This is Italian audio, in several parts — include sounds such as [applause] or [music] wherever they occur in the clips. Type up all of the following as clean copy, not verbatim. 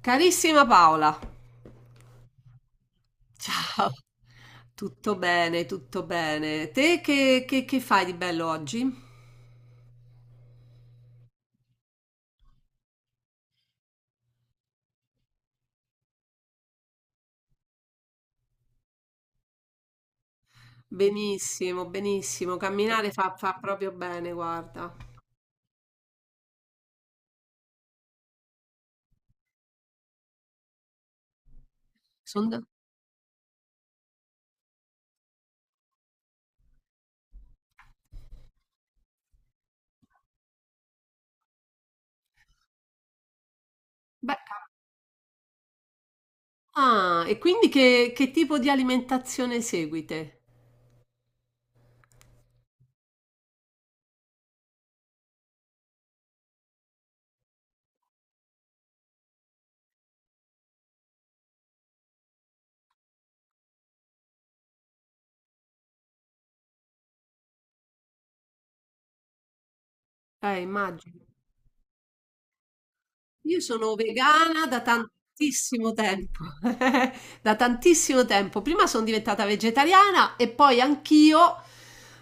Carissima Paola, ciao, tutto bene, tutto bene. Te che fai di bello oggi? Benissimo, benissimo, camminare fa proprio bene, guarda. Son da- Beh, e quindi che tipo di alimentazione seguite? Immagino. Io sono vegana da tantissimo tempo, [laughs] da tantissimo tempo. Prima sono diventata vegetariana e poi anch'io,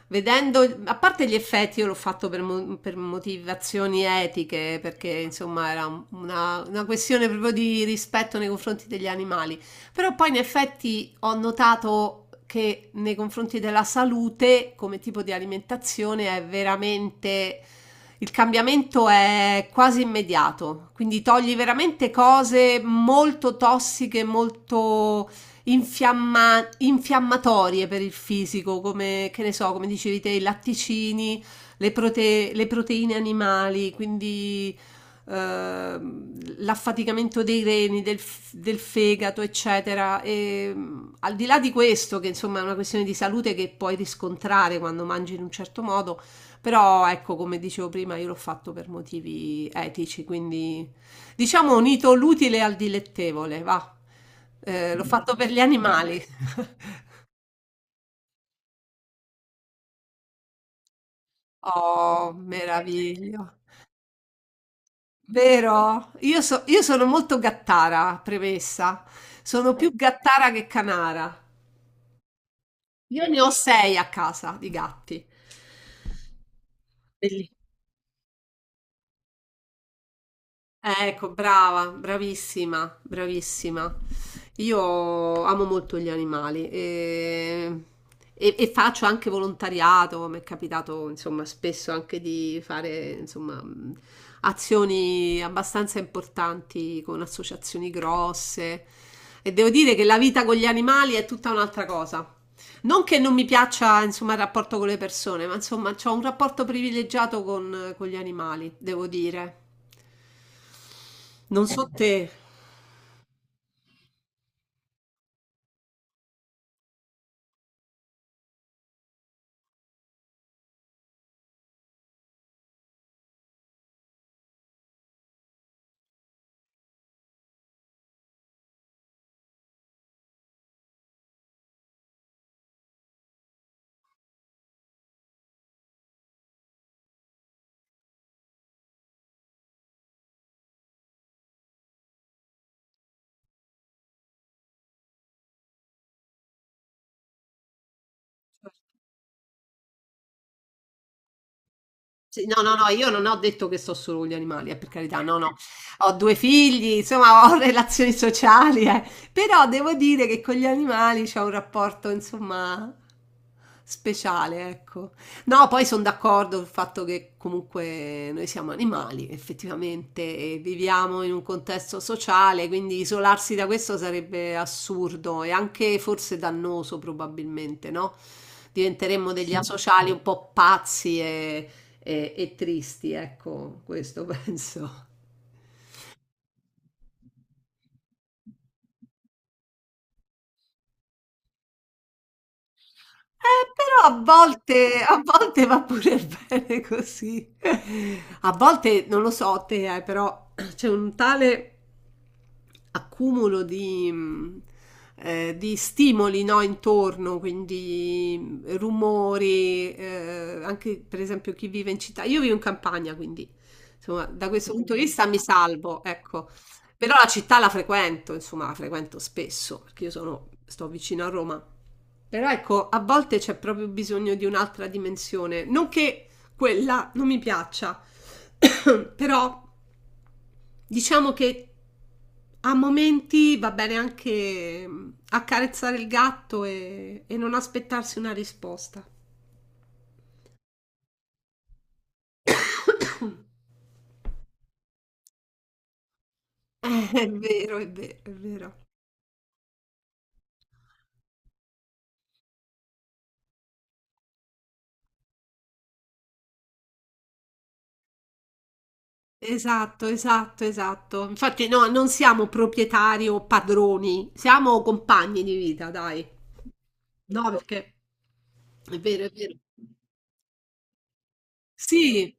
vedendo, a parte gli effetti, io l'ho fatto per, per motivazioni etiche, perché insomma era una questione proprio di rispetto nei confronti degli animali. Però poi in effetti ho notato che nei confronti della salute come tipo di alimentazione è veramente il cambiamento è quasi immediato, quindi togli veramente cose molto tossiche, molto infiammatorie per il fisico, come che ne so, come dicevi te, i latticini, le proteine animali, quindi ehm, l'affaticamento dei reni, del fegato, eccetera. E, al di là di questo, che insomma è una questione di salute che puoi riscontrare quando mangi in un certo modo, però ecco, come dicevo prima, io l'ho fatto per motivi etici, quindi diciamo ho unito l'utile al dilettevole, va. L'ho fatto per gli animali. [laughs] Oh, meraviglio. Vero? Io sono molto gattara, premessa. Sono più gattara che canara. Io ne ho sei a casa di gatti. Ecco, brava, bravissima, bravissima. Io amo molto gli animali e faccio anche volontariato, mi è capitato insomma spesso anche di fare insomma azioni abbastanza importanti con associazioni grosse e devo dire che la vita con gli animali è tutta un'altra cosa. Non che non mi piaccia insomma il rapporto con le persone, ma insomma ho un rapporto privilegiato con gli animali, devo dire. Non so te. Sì, no, no, no, io non ho detto che so solo con gli animali, per carità, no, no, ho due figli, insomma, ho [laughs] relazioni sociali, eh. Però devo dire che con gli animali c'è un rapporto, insomma, speciale, ecco. No, poi sono d'accordo sul fatto che comunque noi siamo animali, effettivamente, e viviamo in un contesto sociale, quindi isolarsi da questo sarebbe assurdo e anche forse dannoso, probabilmente, no? Diventeremmo degli, sì, asociali un po' pazzi e tristi, ecco questo [laughs] penso. Però A volte va pure [laughs] bene così. A volte, non lo so te, però c'è un tale accumulo di stimoli, no, intorno, quindi rumori, anche per esempio chi vive in città. Io vivo in campagna, quindi insomma, da questo punto di vista mi salvo, ecco. Però la città la frequento, insomma, la frequento spesso, perché sto vicino a Roma. Però ecco, a volte c'è proprio bisogno di un'altra dimensione. Non che quella non mi piaccia, [coughs] però diciamo che a momenti va bene anche accarezzare il gatto e non aspettarsi una risposta. [coughs] È vero, è vero, è vero. Esatto, esatto, esatto. Infatti, no, non siamo proprietari o padroni, siamo compagni di vita, dai. No, perché è vero, è vero. Sì.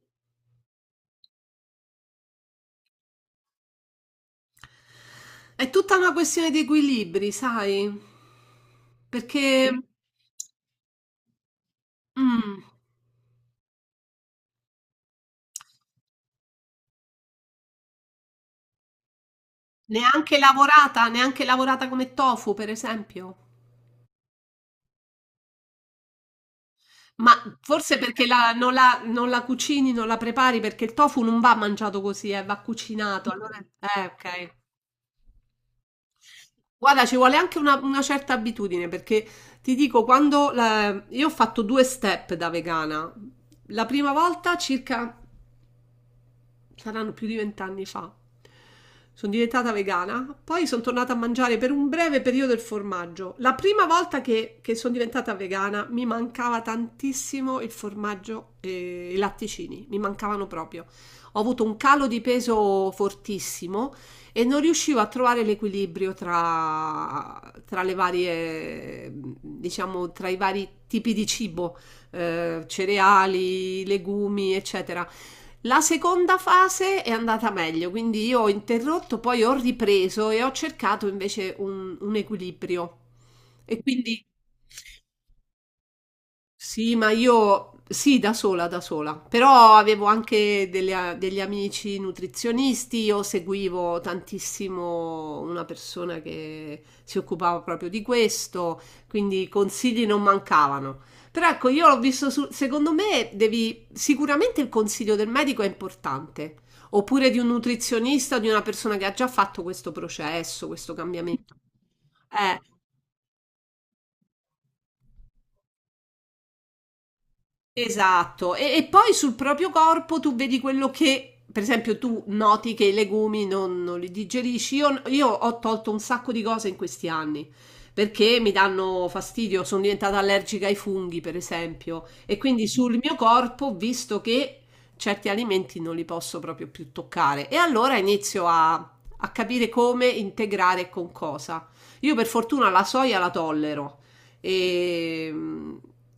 È tutta una questione di equilibri, sai? Perché Sì. mm, Neanche lavorata, neanche lavorata come tofu, per esempio. Ma forse perché non la cucini, non la prepari, perché il tofu non va mangiato così, va cucinato. Allora, ok. Guarda, ci vuole anche una certa abitudine, perché ti dico, io ho fatto due step da vegana. La prima volta circa saranno più di vent'anni fa. Sono diventata vegana, poi sono tornata a mangiare per un breve periodo il formaggio. La prima volta che sono diventata vegana mi mancava tantissimo il formaggio e i latticini, mi mancavano proprio. Ho avuto un calo di peso fortissimo e non riuscivo a trovare l'equilibrio tra le varie, diciamo, tra i vari tipi di cibo, cereali, legumi, eccetera. La seconda fase è andata meglio, quindi io ho interrotto, poi ho ripreso e ho cercato invece un equilibrio. E quindi sì, ma io sì, da sola, però avevo anche degli amici nutrizionisti, io seguivo tantissimo una persona che si occupava proprio di questo, quindi consigli non mancavano. Però ecco, io l'ho visto, secondo me devi, sicuramente il consiglio del medico è importante, oppure di un nutrizionista, di una persona che ha già fatto questo processo, questo cambiamento. Eh, Esatto, e poi sul proprio corpo tu vedi quello che, per esempio, tu noti che i legumi non li digerisci. Io ho tolto un sacco di cose in questi anni perché mi danno fastidio, sono diventata allergica ai funghi, per esempio, e quindi sul mio corpo ho visto che certi alimenti non li posso proprio più toccare. E allora inizio a capire come integrare e con cosa. Io per fortuna la soia la tollero e,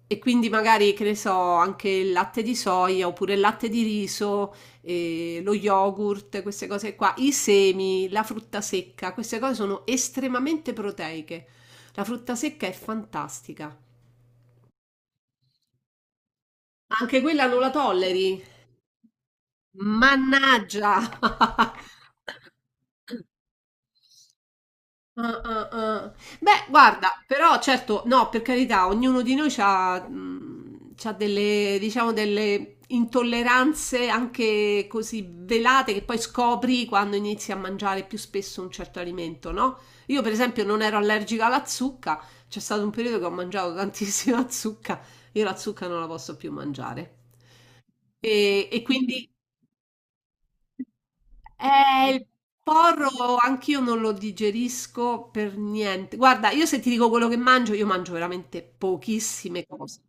e quindi magari, che ne so, anche il latte di soia oppure il latte di riso, lo yogurt, queste cose qua, i semi, la frutta secca, queste cose sono estremamente proteiche. La frutta secca è fantastica. Anche quella non la tolleri? Mannaggia! [laughs] Ah, ah, ah. Beh, guarda, però certo, no, per carità, ognuno di noi ha delle, diciamo, delle intolleranze anche così velate che poi scopri quando inizi a mangiare più spesso un certo alimento, no? Io, per esempio, non ero allergica alla zucca, c'è stato un periodo che ho mangiato tantissima [laughs] zucca, io la zucca non la posso più mangiare. E quindi il porro anch'io non lo digerisco per niente. Guarda, io se ti dico quello che mangio, io mangio veramente pochissime cose.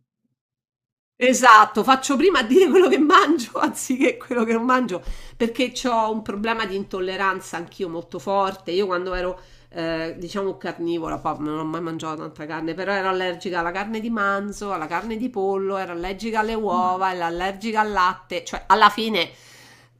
Esatto, faccio prima a dire quello che mangio [laughs] anziché quello che non mangio, perché ho un problema di intolleranza anch'io molto forte. Io quando ero, diciamo, carnivora, poi non ho mai mangiato tanta carne, però ero allergica alla carne di manzo, alla carne di pollo, ero allergica alle uova, ero allergica al latte, cioè alla fine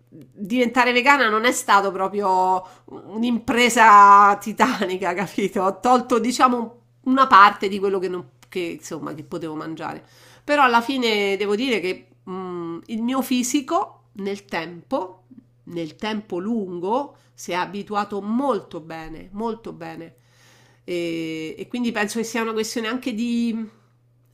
diventare vegana non è stato proprio un'impresa titanica, [laughs] capito? Ho tolto, diciamo, una parte di quello che non, che, insomma, che potevo mangiare. Però alla fine devo dire che il mio fisico nel tempo lungo, si è abituato molto bene, molto bene. E quindi penso che sia una questione anche di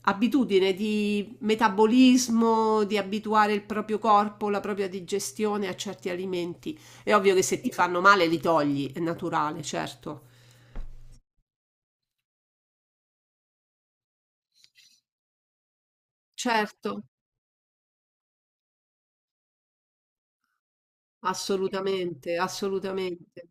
abitudine, di metabolismo, di abituare il proprio corpo, la propria digestione a certi alimenti. È ovvio che se ti fanno male li togli, è naturale, certo. Certo, assolutamente, assolutamente.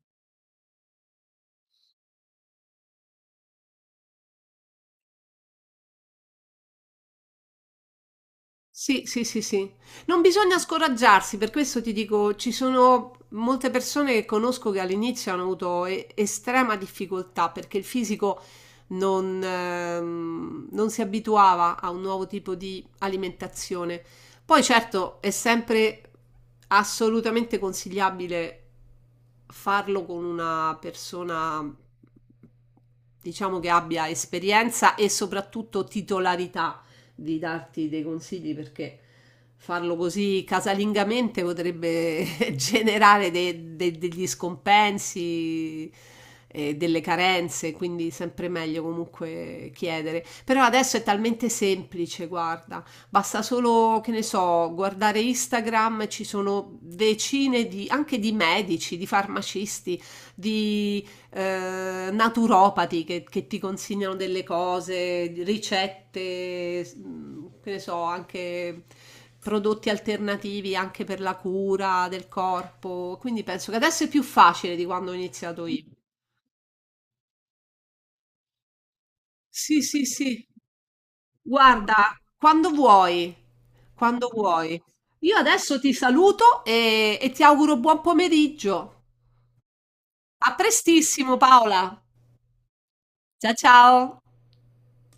Sì, sì, sì, sì. Non bisogna scoraggiarsi, per questo ti dico, ci sono molte persone che conosco che all'inizio hanno avuto estrema difficoltà perché il fisico non si abituava a un nuovo tipo di alimentazione. Poi certo è sempre assolutamente consigliabile farlo con una persona, diciamo, che abbia esperienza e soprattutto titolarità di darti dei consigli perché farlo così casalingamente potrebbe [laughs] generare degli scompensi e delle carenze, quindi sempre meglio comunque chiedere. Però adesso è talmente semplice, guarda, basta solo, che ne so, guardare Instagram, ci sono decine di, anche di medici, di farmacisti, di naturopati che ti consigliano delle cose, ricette, che ne so, anche prodotti alternativi anche per la cura del corpo. Quindi penso che adesso è più facile di quando ho iniziato io. Sì, sì, sì. Guarda, quando vuoi, quando vuoi. Io adesso ti saluto e ti auguro buon pomeriggio. A prestissimo, Paola. Ciao ciao.